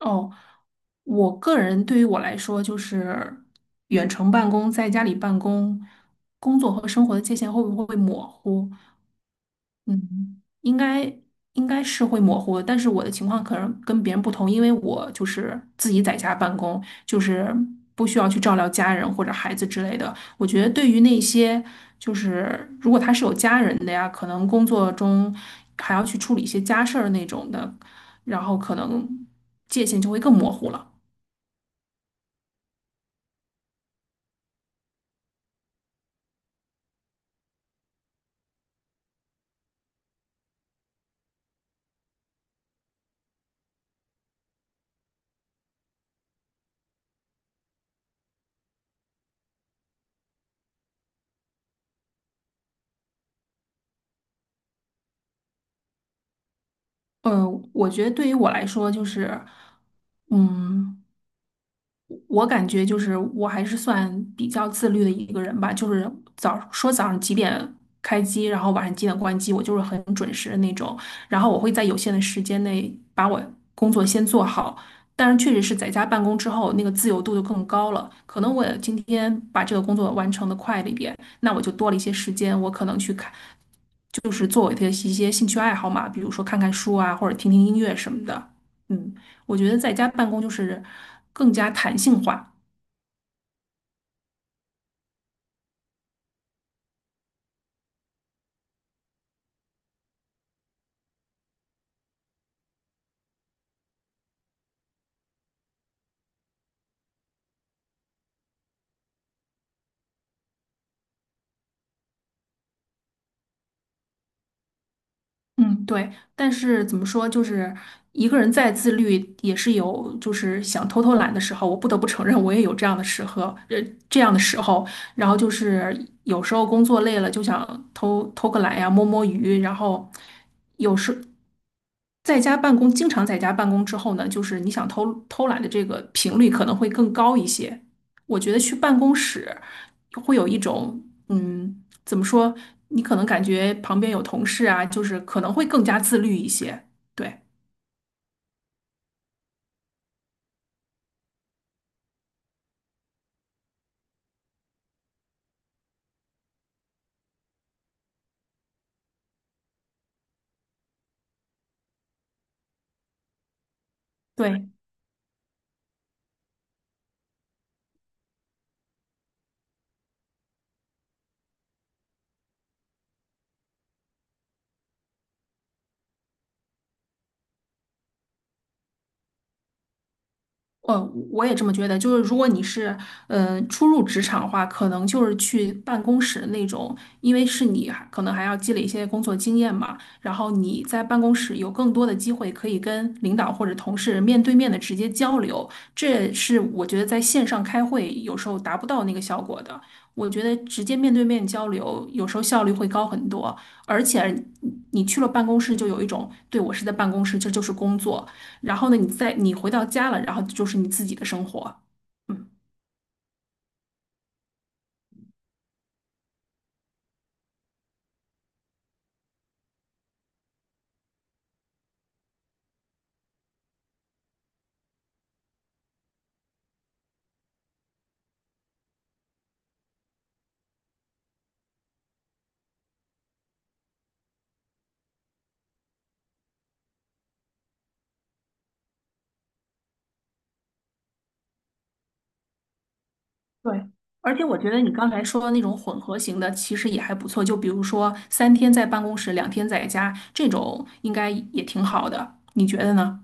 哦，我个人对于我来说，就是远程办公，在家里办公，工作和生活的界限会不会模糊？嗯，应该应该是会模糊的，但是我的情况可能跟别人不同，因为我就是自己在家办公，就是不需要去照料家人或者孩子之类的。我觉得对于那些就是如果他是有家人的呀，可能工作中还要去处理一些家事儿那种的，然后可能界限就会更模糊了。嗯，我觉得对于我来说，就是，嗯，我感觉就是我还是算比较自律的一个人吧，就是早上几点开机，然后晚上几点关机，我就是很准时的那种。然后我会在有限的时间内把我工作先做好。但是确实是在家办公之后，那个自由度就更高了。可能我今天把这个工作完成的快了一点，那我就多了一些时间，我可能去看，就是做我的一些兴趣爱好嘛，比如说看看书啊，或者听听音乐什么的。嗯。我觉得在家办公就是更加弹性化。嗯，对。但是怎么说，就是一个人再自律，也是有就是想偷偷懒的时候。我不得不承认，我也有这样的时候，呃，这样的时候。然后就是有时候工作累了，就想偷偷个懒呀，摸摸鱼。然后有时在家办公，经常在家办公之后呢，就是你想偷偷懒的这个频率可能会更高一些。我觉得去办公室会有一种，嗯，怎么说？你可能感觉旁边有同事啊，就是可能会更加自律一些。对对，呃，我也这么觉得，就是如果你是初入职场的话，可能就是去办公室那种，因为是你还可能还要积累一些工作经验嘛，然后你在办公室有更多的机会可以跟领导或者同事面对面的直接交流，这是我觉得在线上开会有时候达不到那个效果的。我觉得直接面对面交流有时候效率会高很多，而且你去了办公室就有一种，对，我是在办公室，这就是工作。然后呢，你回到家了，然后就是你自己的生活。嗯，对，而且我觉得你刚才说的那种混合型的，其实也还不错。就比如说三天在办公室，两天在家，这种应该也挺好的。你觉得呢？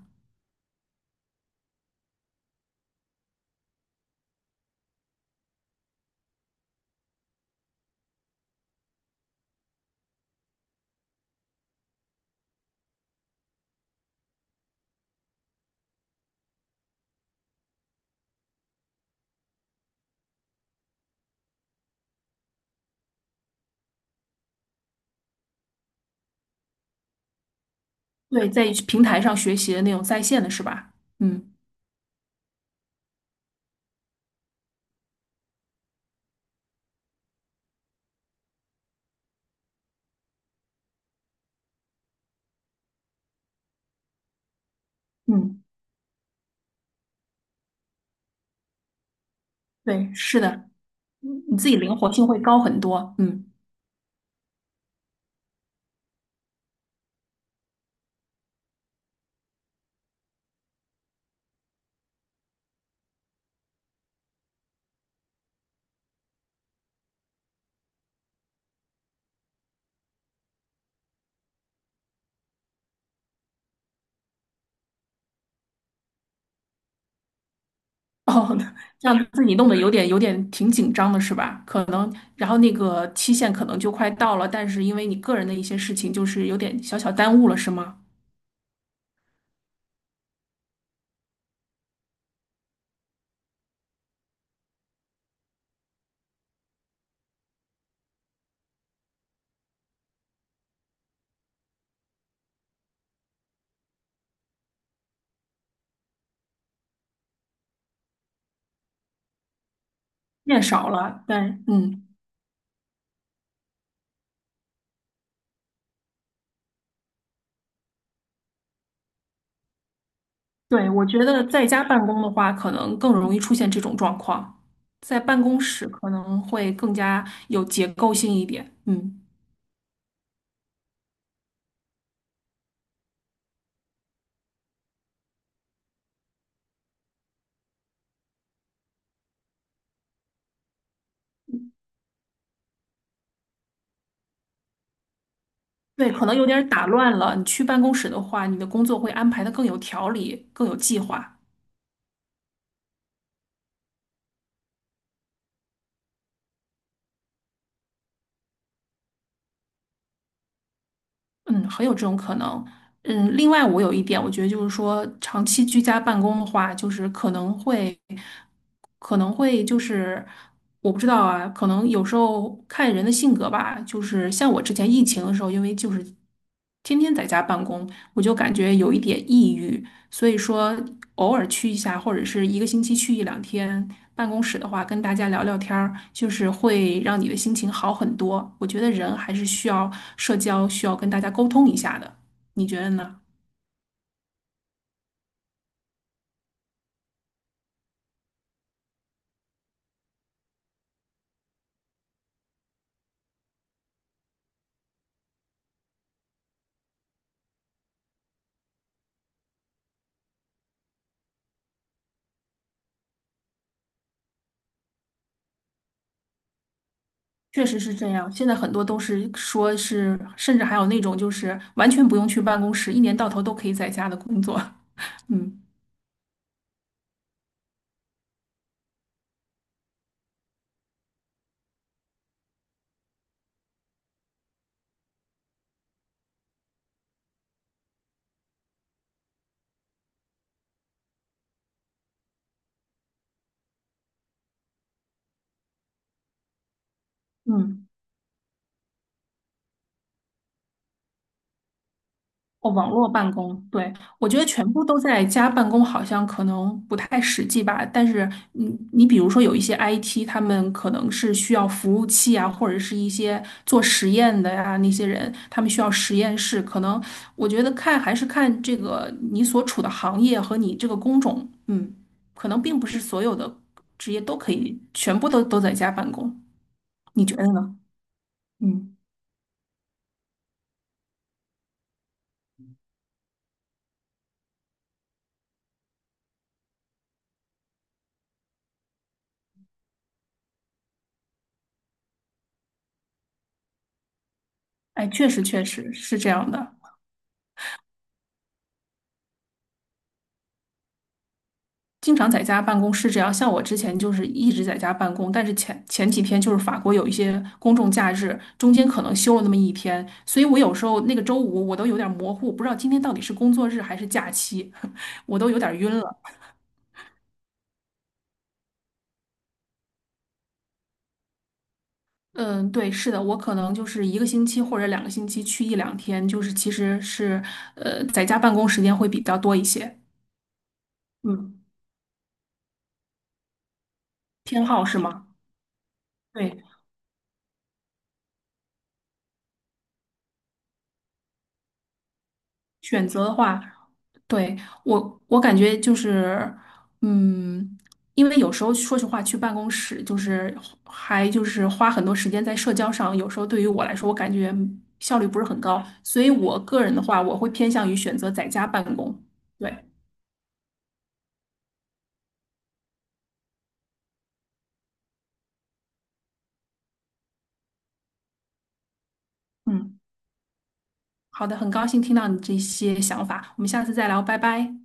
对，在平台上学习的那种在线的是吧？嗯嗯，对，是的，你自己灵活性会高很多。嗯。哦，这样自己弄得有点挺紧张的是吧？可能，然后那个期限可能就快到了，但是因为你个人的一些事情，就是有点小小耽误了，是吗？变少了，但嗯，对，我觉得在家办公的话，可能更容易出现这种状况，在办公室可能会更加有结构性一点，嗯，对，可能有点儿打乱了。你去办公室的话，你的工作会安排的更有条理，更有计划。嗯，很有这种可能。嗯，另外我有一点，我觉得就是说，长期居家办公的话，就是可能会，可能会就是我不知道啊，可能有时候看人的性格吧。就是像我之前疫情的时候，因为就是天天在家办公，我就感觉有一点抑郁。所以说，偶尔去一下，或者是一个星期去一两天办公室的话，跟大家聊聊天儿，就是会让你的心情好很多。我觉得人还是需要社交，需要跟大家沟通一下的。你觉得呢？确实是这样，现在很多都是说是，甚至还有那种就是完全不用去办公室，一年到头都可以在家的工作。嗯嗯。哦，网络办公，对，我觉得全部都在家办公好像可能不太实际吧。但是嗯，你比如说有一些 IT,他们可能是需要服务器啊，或者是一些做实验的呀、那些人，他们需要实验室。可能我觉得看还是看这个你所处的行业和你这个工种，嗯，可能并不是所有的职业都可以全部都在家办公。你觉得呢？嗯，哎，确实是这样的。经常在家办公是这样，像我之前就是一直在家办公，但是前几天就是法国有一些公众假日，中间可能休了那么一天，所以我有时候那个周五我都有点模糊，不知道今天到底是工作日还是假期，我都有点晕了。嗯，对，是的，我可能就是一个星期或者两个星期去一两天，就是其实是在家办公时间会比较多一些。嗯，偏好是吗？对，选择的话。对，我感觉就是，嗯，因为有时候说实话，去办公室就是还就是花很多时间在社交上，有时候对于我来说，我感觉效率不是很高，所以我个人的话，我会偏向于选择在家办公。对，嗯，好的，很高兴听到你这些想法，我们下次再聊，拜拜。